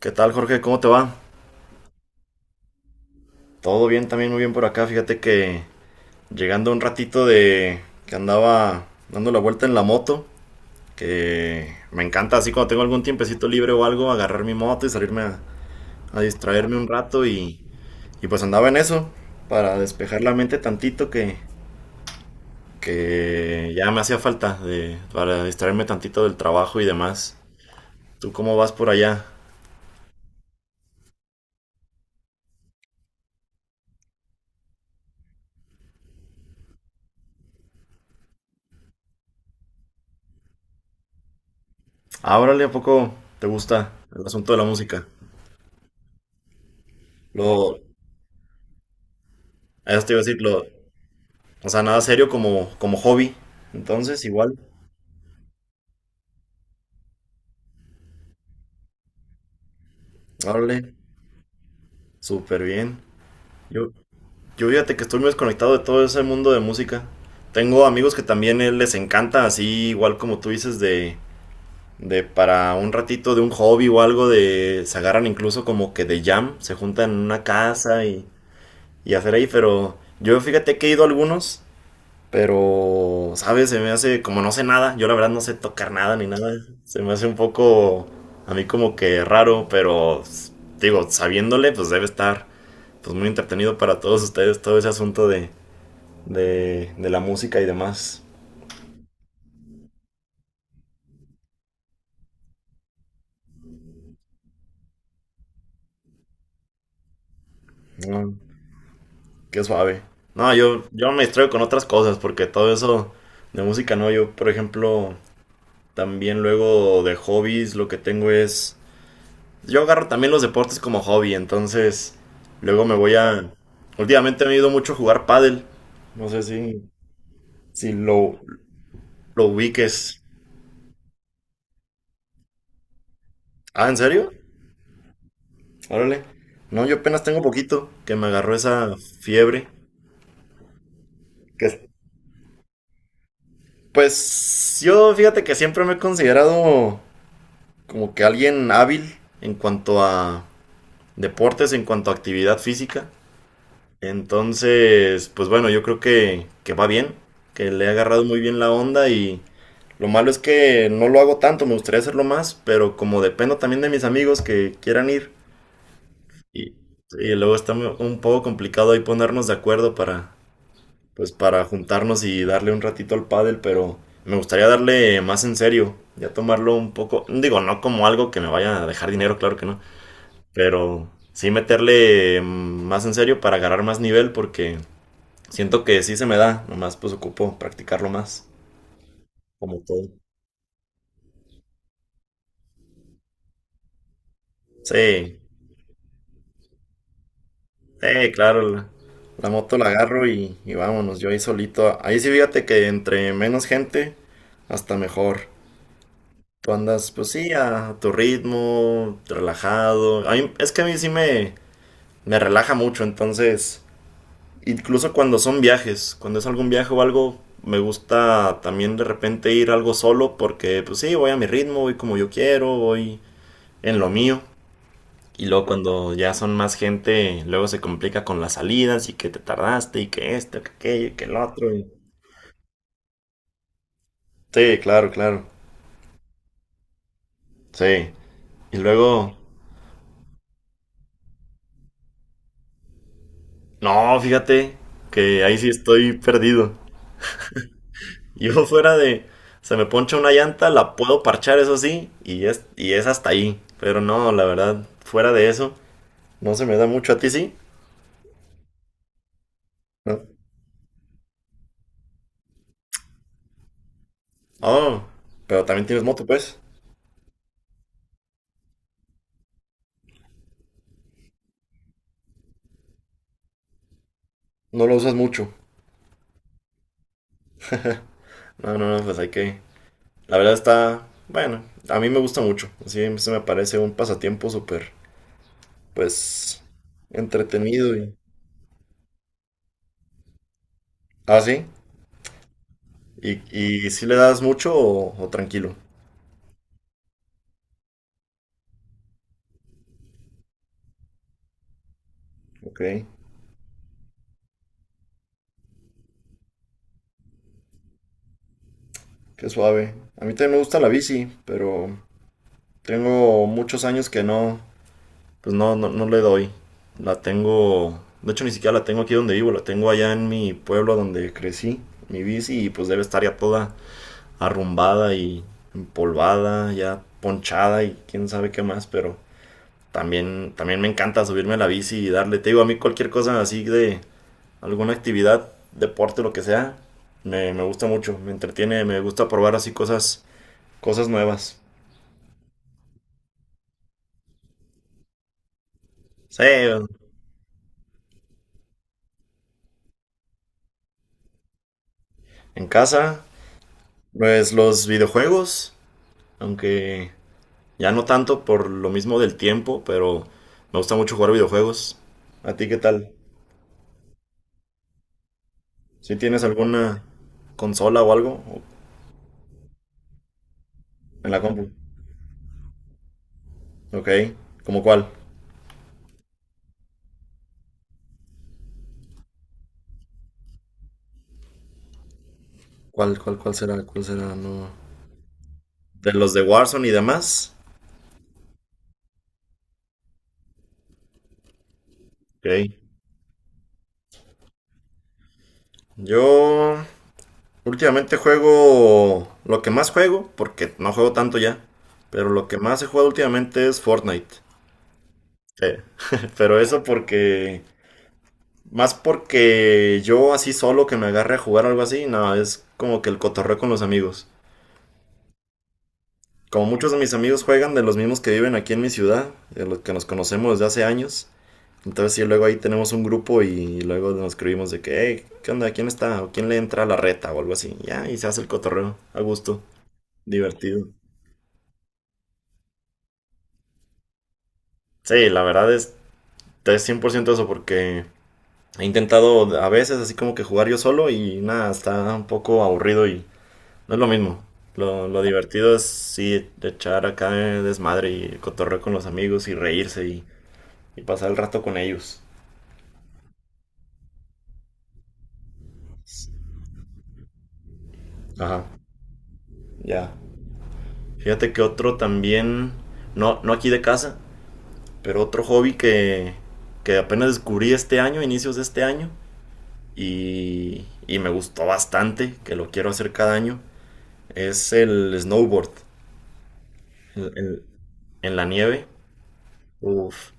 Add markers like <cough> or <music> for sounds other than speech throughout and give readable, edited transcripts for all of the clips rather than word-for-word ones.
¿Qué tal, Jorge? ¿Cómo te va? Todo bien, también muy bien por acá. Fíjate que llegando un ratito de que andaba dando la vuelta en la moto, que me encanta así cuando tengo algún tiempecito libre o algo, agarrar mi moto y salirme a distraerme un rato y pues andaba en eso para despejar la mente tantito que ya me hacía falta para distraerme tantito del trabajo y demás. ¿Tú cómo vas por allá? Ábrale, ¿a poco te gusta el asunto de la música? Lo, Eso te iba a decir. O sea, nada serio como, hobby. Entonces, igual, órale, súper bien. Yo, yo fíjate que estoy muy desconectado de todo ese mundo de música. Tengo amigos que también les encanta, así igual como tú dices, de para un ratito de un hobby o algo, de se agarran incluso como que de jam, se juntan en una casa y hacer ahí, pero yo fíjate que he ido a algunos. Pero, ¿sabes? Se me hace, como no sé nada, yo la verdad no sé tocar nada ni nada, se me hace un poco, a mí como que raro, pero digo, sabiéndole, pues debe estar pues muy entretenido para todos ustedes todo ese asunto de, de la música y demás. Mm, qué suave. No, yo me distraigo con otras cosas, porque todo eso de música no, yo, por ejemplo, también luego de hobbies lo que tengo es. Yo agarro también los deportes como hobby, entonces luego me voy a. Últimamente me he ido mucho a jugar pádel. No sé si lo ubiques. Ah, ¿en serio? Órale. No, yo apenas tengo poquito que me agarró esa fiebre. Que, pues yo fíjate que siempre me he considerado como que alguien hábil en cuanto a deportes, en cuanto a actividad física. Entonces, pues bueno, yo creo que va bien, que le he agarrado muy bien la onda y lo malo es que no lo hago tanto, me gustaría hacerlo más, pero como dependo también de mis amigos que quieran ir, y, y luego está un poco complicado ahí ponernos de acuerdo pues, para juntarnos y darle un ratito al pádel, pero me gustaría darle más en serio, ya tomarlo un poco, digo, no como algo que me vaya a dejar dinero, claro que no, pero sí meterle más en serio para agarrar más nivel porque siento que sí se me da, nomás pues ocupo practicarlo más, como todo. Sí. Claro, la moto la agarro y vámonos, yo ahí solito. Ahí sí, fíjate que entre menos gente, hasta mejor. Tú andas, pues sí, a tu ritmo, relajado. Es que a mí sí me relaja mucho, entonces, incluso cuando son viajes, cuando es algún viaje o algo, me gusta también de repente ir algo solo porque, pues sí, voy a mi ritmo, voy como yo quiero, voy en lo mío. Y luego cuando ya son más gente, luego se complica con las salidas y que te tardaste y que esto, que aquello, y que el otro. Sí, claro, claro. Sí. Y luego, no, fíjate que ahí sí estoy perdido. Yo <laughs> se me poncha una llanta, la puedo parchar, eso sí, y es hasta ahí. Pero no, la verdad, fuera de eso, no se me da mucho a ti, sí. No. Oh, pero también tienes moto, pues. No lo usas mucho. No, no, no, pues hay que. La verdad está, bueno, a mí me gusta mucho. Así se me parece un pasatiempo súper, pues, entretenido y. Ah, sí. ¿Y, y si le das mucho o tranquilo? Ok, qué suave. A mí también me gusta la bici, pero tengo muchos años que no, pues no le doy. La tengo, de hecho ni siquiera la tengo aquí donde vivo, la tengo allá en mi pueblo donde crecí, mi bici, y pues debe estar ya toda arrumbada y empolvada, ya ponchada y quién sabe qué más, pero también me encanta subirme a la bici y darle, te digo, a mí cualquier cosa así de alguna actividad, deporte, lo que sea, me gusta mucho, me entretiene, me gusta probar así cosas, cosas nuevas. Sí, en casa, pues los videojuegos, aunque ya no tanto por lo mismo del tiempo, pero me gusta mucho jugar videojuegos. ¿A ti qué tal? ¿Si tienes alguna consola o algo? En la compu. Ok. ¿Cómo cuál? ¿Cuál, cuál, cuál será? ¿Cuál será? No. De los de Warzone y demás. Ok. Yo últimamente juego lo que más juego, porque no juego tanto ya, pero lo que más he jugado últimamente es Fortnite. Eh, <laughs> Pero eso más porque yo así solo que me agarre a jugar algo así, no, es como que el cotorreo con los amigos. Como muchos de mis amigos juegan de los mismos que viven aquí en mi ciudad, de los que nos conocemos desde hace años. Entonces, sí, luego ahí tenemos un grupo y luego nos escribimos de que, hey, ¿qué onda? ¿Quién está? ¿O quién le entra a la reta? O algo así. Ya, y se hace el cotorreo a gusto, divertido. Sí, la verdad es 100% eso porque he intentado a veces así como que jugar yo solo y nada, está un poco aburrido y no es lo mismo. Lo divertido es sí echar acá desmadre y cotorreo con los amigos y reírse y pasar el rato con ellos. Ajá, ya. Fíjate que otro también, no, no aquí de casa. Pero otro hobby que apenas descubrí este año, inicios de este año, y me gustó bastante, que lo quiero hacer cada año, es el snowboard, el- el- en la nieve. Uf,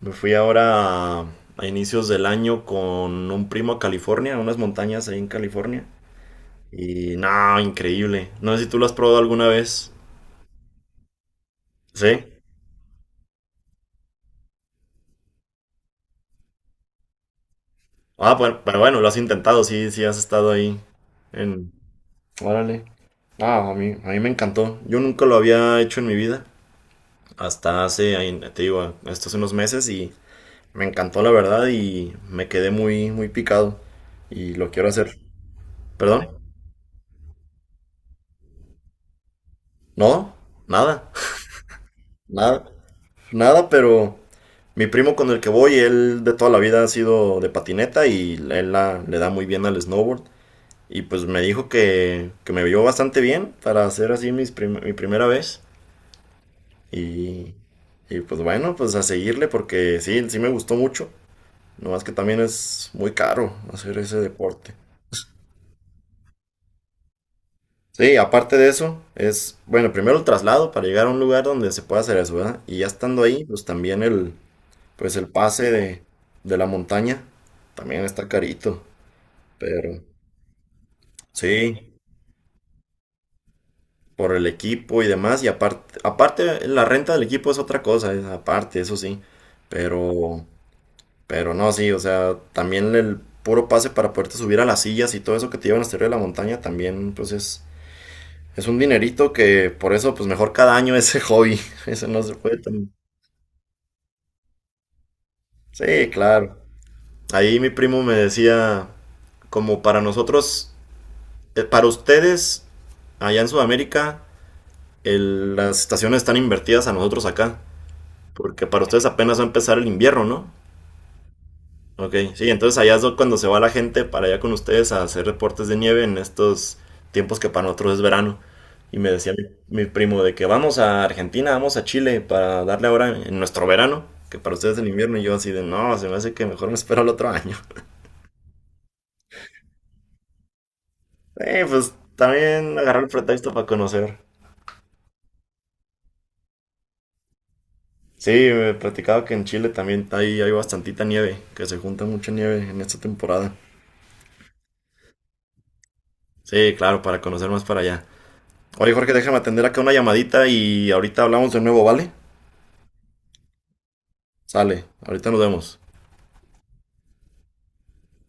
me fui ahora a inicios del año con un primo a California, a unas montañas ahí en California. Y no, increíble. No sé si tú lo has probado alguna vez. ¿Sí? Ah, bueno, pero bueno, lo has intentado, sí, sí has estado ahí en. Órale. Ah, a mí me encantó. Yo nunca lo había hecho en mi vida. Hasta hace, ahí, te digo, estos unos meses y me encantó la verdad y me quedé muy, muy picado. Y lo quiero hacer. ¿Perdón? No, nada, <laughs> nada, nada, pero mi primo con el que voy, él de toda la vida ha sido de patineta y él le da muy bien al snowboard. Y pues me dijo que me vio bastante bien para hacer así mi primera vez. Y, y pues bueno, pues a seguirle porque sí, sí me gustó mucho. Nomás que también es muy caro hacer ese deporte. Sí, aparte de eso, bueno, primero el traslado para llegar a un lugar donde se pueda hacer eso, ¿verdad? Y ya estando ahí, pues también pues el pase de, la montaña también está carito. Pero sí, por el equipo y demás. Y aparte la renta del equipo es otra cosa, es aparte, eso sí. Pero Pero no, sí, o sea, también el puro pase para poderte subir a las sillas y todo eso que te llevan hasta arriba de la montaña también, pues es un dinerito que por eso, pues mejor cada año ese hobby. <laughs> Eso no se puede tan. Sí, claro. Ahí mi primo me decía, como para nosotros, para ustedes, allá en Sudamérica, las estaciones están invertidas a nosotros acá. Porque para ustedes apenas va a empezar el invierno, ¿no? Ok, sí, entonces allá es cuando se va la gente para allá con ustedes a hacer reportes de nieve en estos tiempos que para nosotros es verano. Y me decía mi primo de que vamos a Argentina, vamos a Chile para darle ahora en nuestro verano, que para ustedes es el invierno. Y yo así de, no, se me hace que mejor me espero el otro año. <laughs> Pues también agarrar el pretexto para conocer. Sí, me platicaba que en Chile también hay bastantita nieve, que se junta mucha nieve en esta temporada. Sí, claro, para conocer más para allá. Oye, Jorge, déjame atender acá una llamadita y ahorita hablamos de nuevo, ¿vale? Sale, ahorita nos vemos.